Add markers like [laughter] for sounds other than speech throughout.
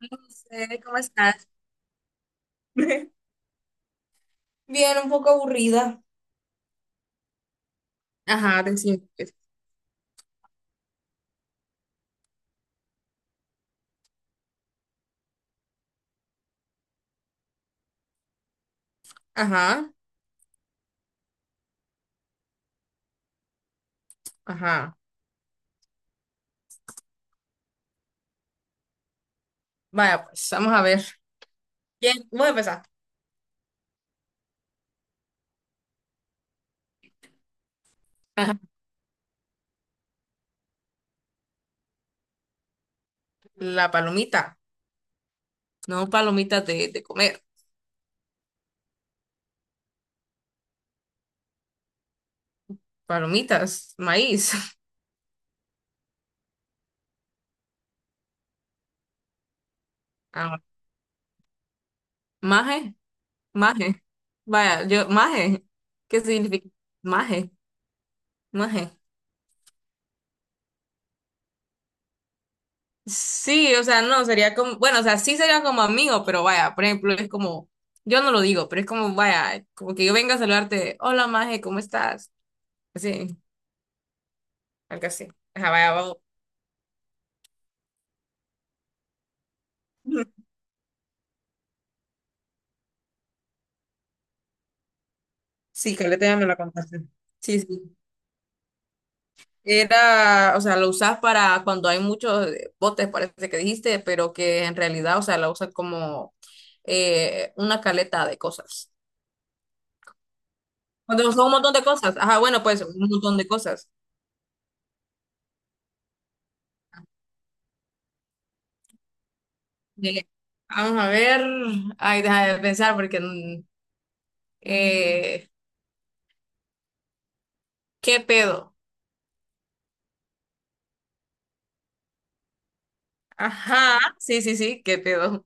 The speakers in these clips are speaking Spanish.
José, ¿cómo estás? [laughs] Bien, un poco aburrida. Ajá, te siento. Ajá, ajá. Vaya, pues vamos a ver. ¿Quién? Voy a empezar. Ajá. La palomita. No, palomitas de comer. Palomitas, maíz. [laughs] Ah, maje, maje. Vaya, yo, maje. ¿Qué significa? Maje, maje. Sí, o sea, no, sería como, bueno, o sea, sí sería como amigo, pero vaya, por ejemplo, es como, yo no lo digo, pero es como, vaya, como que yo venga a saludarte, hola, maje, ¿cómo estás? Sí, algo así. Ajá, vaya, vamos. Sí, que le me la contaste. Sí, sí. Era, o sea, lo usas para cuando hay muchos botes, parece que dijiste, pero que en realidad, o sea, la usas como una caleta de cosas. Cuando son un montón de cosas. Ajá, bueno, pues un montón de cosas. Eh, Vamos a ver. Ay, deja de pensar porque eh, ¿qué pedo? Ajá, sí, sí, sí, ¿qué pedo?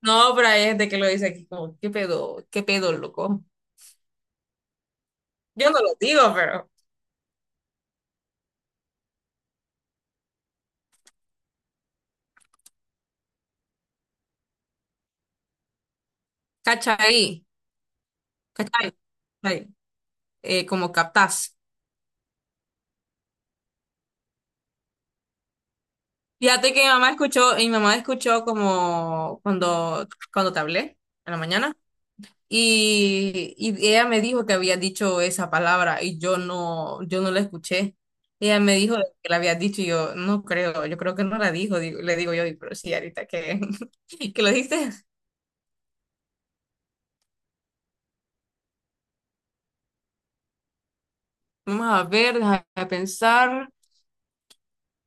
No, pero hay gente que lo dice aquí como, ¿qué pedo? ¿Qué pedo, loco? Yo no lo digo, pero. ¿Cachai? ¿Cachai? ¿Cachai? Como captás. Fíjate que mi mamá escuchó, y mi mamá escuchó como cuando te hablé en la mañana. Y ella me dijo que había dicho esa palabra y yo no la escuché. Ella me dijo que la había dicho y yo no creo, yo creo que no la dijo, le digo yo, "Di, pero sí, ahorita que, [laughs] que lo dijiste. Vamos a ver, déjame pensar.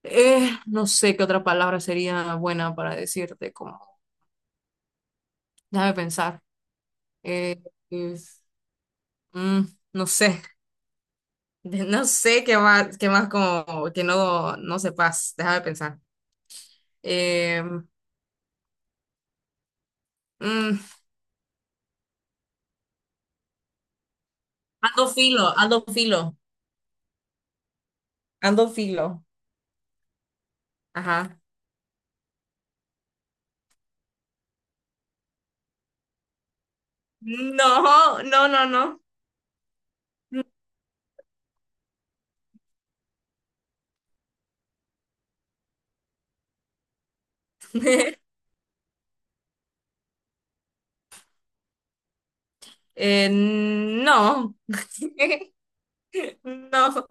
No sé qué otra palabra sería buena para decirte. Déjame pensar. Eh, es- mm, no sé. [laughs] No sé qué más como que no sepas. Déjame pensar. Eh, mm, Ando filo, ando filo, ando filo. Ajá. No, no, no, no. [laughs] No. [laughs] No.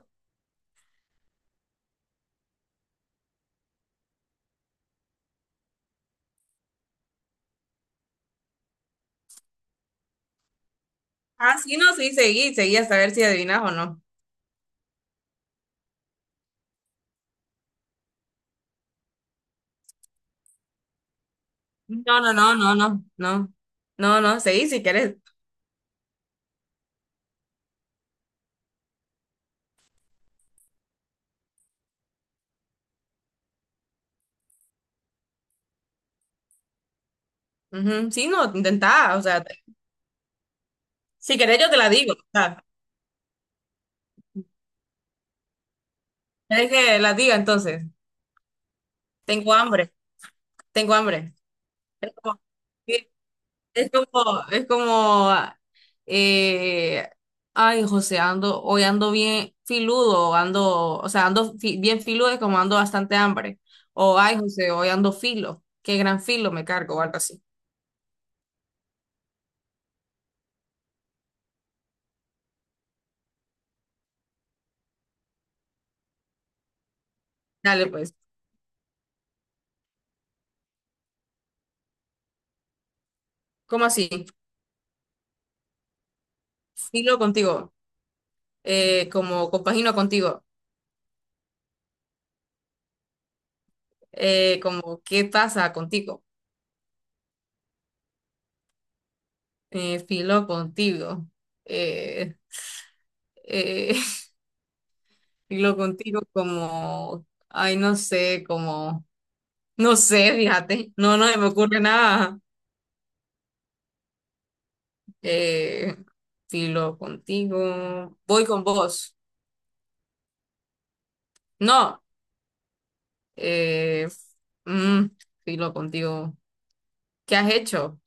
Así no, sí, seguí, seguí hasta ver si adivinas o no. No, no, no, no, no, no. No, no, seguí si querés. Ujú, sí, no, intentá, o sea, si querés, yo te la digo. O sea, ¿querés que la diga entonces? Tengo hambre, tengo hambre. Es como, sí, es como, eh, ay, José, ando, hoy ando bien filudo, ando, o sea, ando bien filudo, es como ando bastante hambre. O, ay, José, hoy ando filo, qué gran filo me cargo, o algo así. Dale, pues, ¿cómo así? Filo contigo, como compagino contigo, como qué pasa contigo. Filo contigo. Eh, eh, [laughs] filo contigo como, ay, no sé, como, no sé, fíjate, no se me ocurre nada. Eh, Filo contigo, voy con vos. No, eh, mm, filo contigo. ¿Qué has hecho?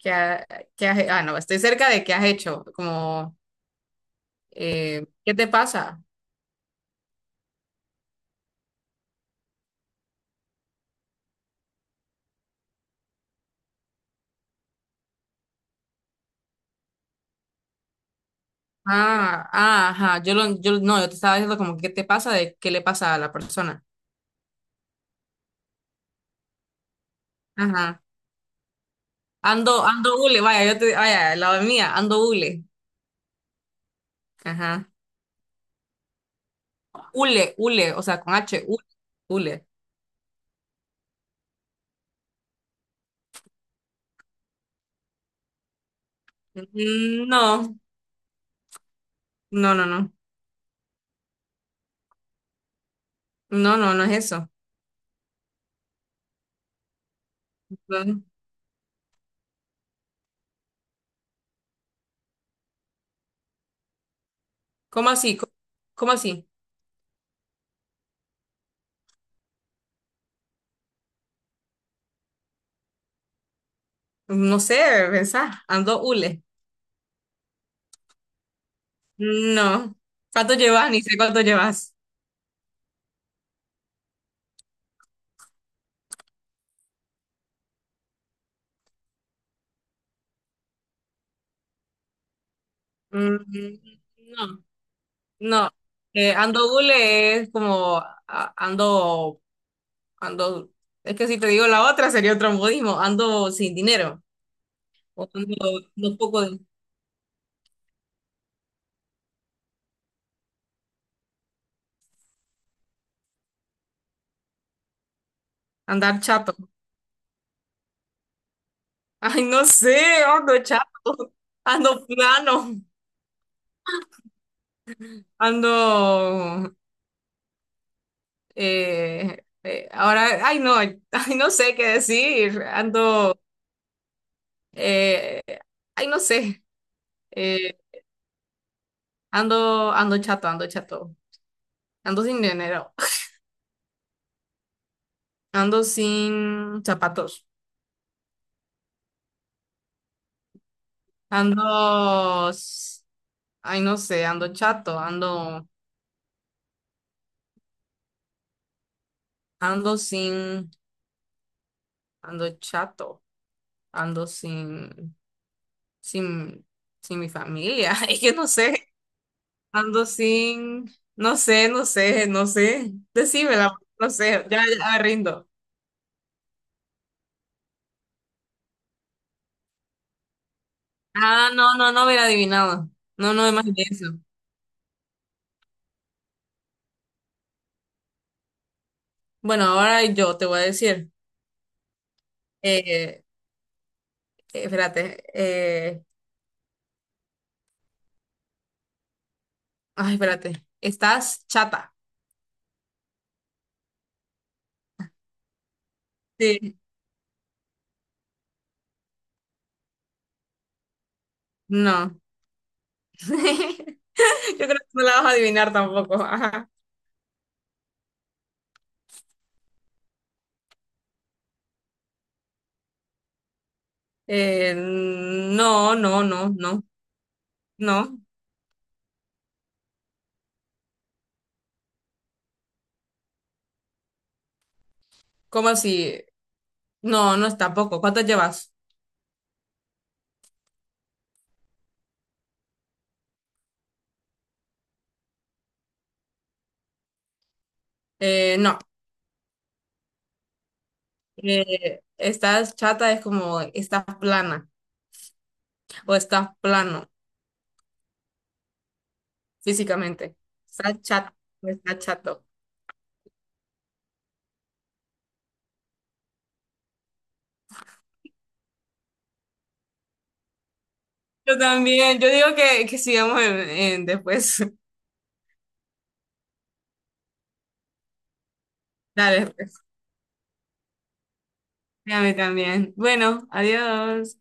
¿Qué, ha- qué has, ah, no, estoy cerca de qué has hecho. Como, ¿qué te pasa? Ah, ah, ajá, yo lo, yo no, yo te estaba diciendo como qué te pasa, de qué le pasa a la persona. Ajá. Ando hule, vaya, yo te, vaya, la mía, ando hule. Ajá. Hule, hule, o sea, con H, hule. Hule. Mm, no, no, no, no. No, no, no es eso. No. ¿Cómo así? ¿Cómo, cómo así? No sé, pensá, ando hule. No. ¿Cuánto llevas? Ni sé cuánto llevas. Mm, no, no. Ando hule es como ando, es que si te digo la otra sería otro modismo, ando sin dinero. O ando, no poco de andar chato. Ay, no sé, ando chato, ando plano, ando. Ahora, ay, no sé qué decir, ando. eh, Ay, no sé, eh, ando chato, ando chato, ando sin dinero, ando sin zapatos, ando. Ay, no sé, ando chato, ando, ando sin, ando chato, ando sin. sin, sin mi familia. [laughs] Es que no sé, ando sin, no sé, no sé, no sé. Decímela, no sé, ya, ya me rindo. Ah, no, no, no hubiera adivinado. No, no, imaginé eso. Bueno, ahora yo te voy a decir, eh, espérate, ay, espérate, ¿estás chata? Sí, no. [laughs] Yo creo que no la vas a adivinar tampoco. Ajá. No, no, no, no, no. ¿Cómo así? No, no es tampoco. ¿Cuántas llevas? No. Estás chata es como estás plana o estás plano físicamente. Estás chata o estás chato. Yo también. Yo digo que sigamos en después. [laughs] Dale, pues. A mí también. Bueno, adiós.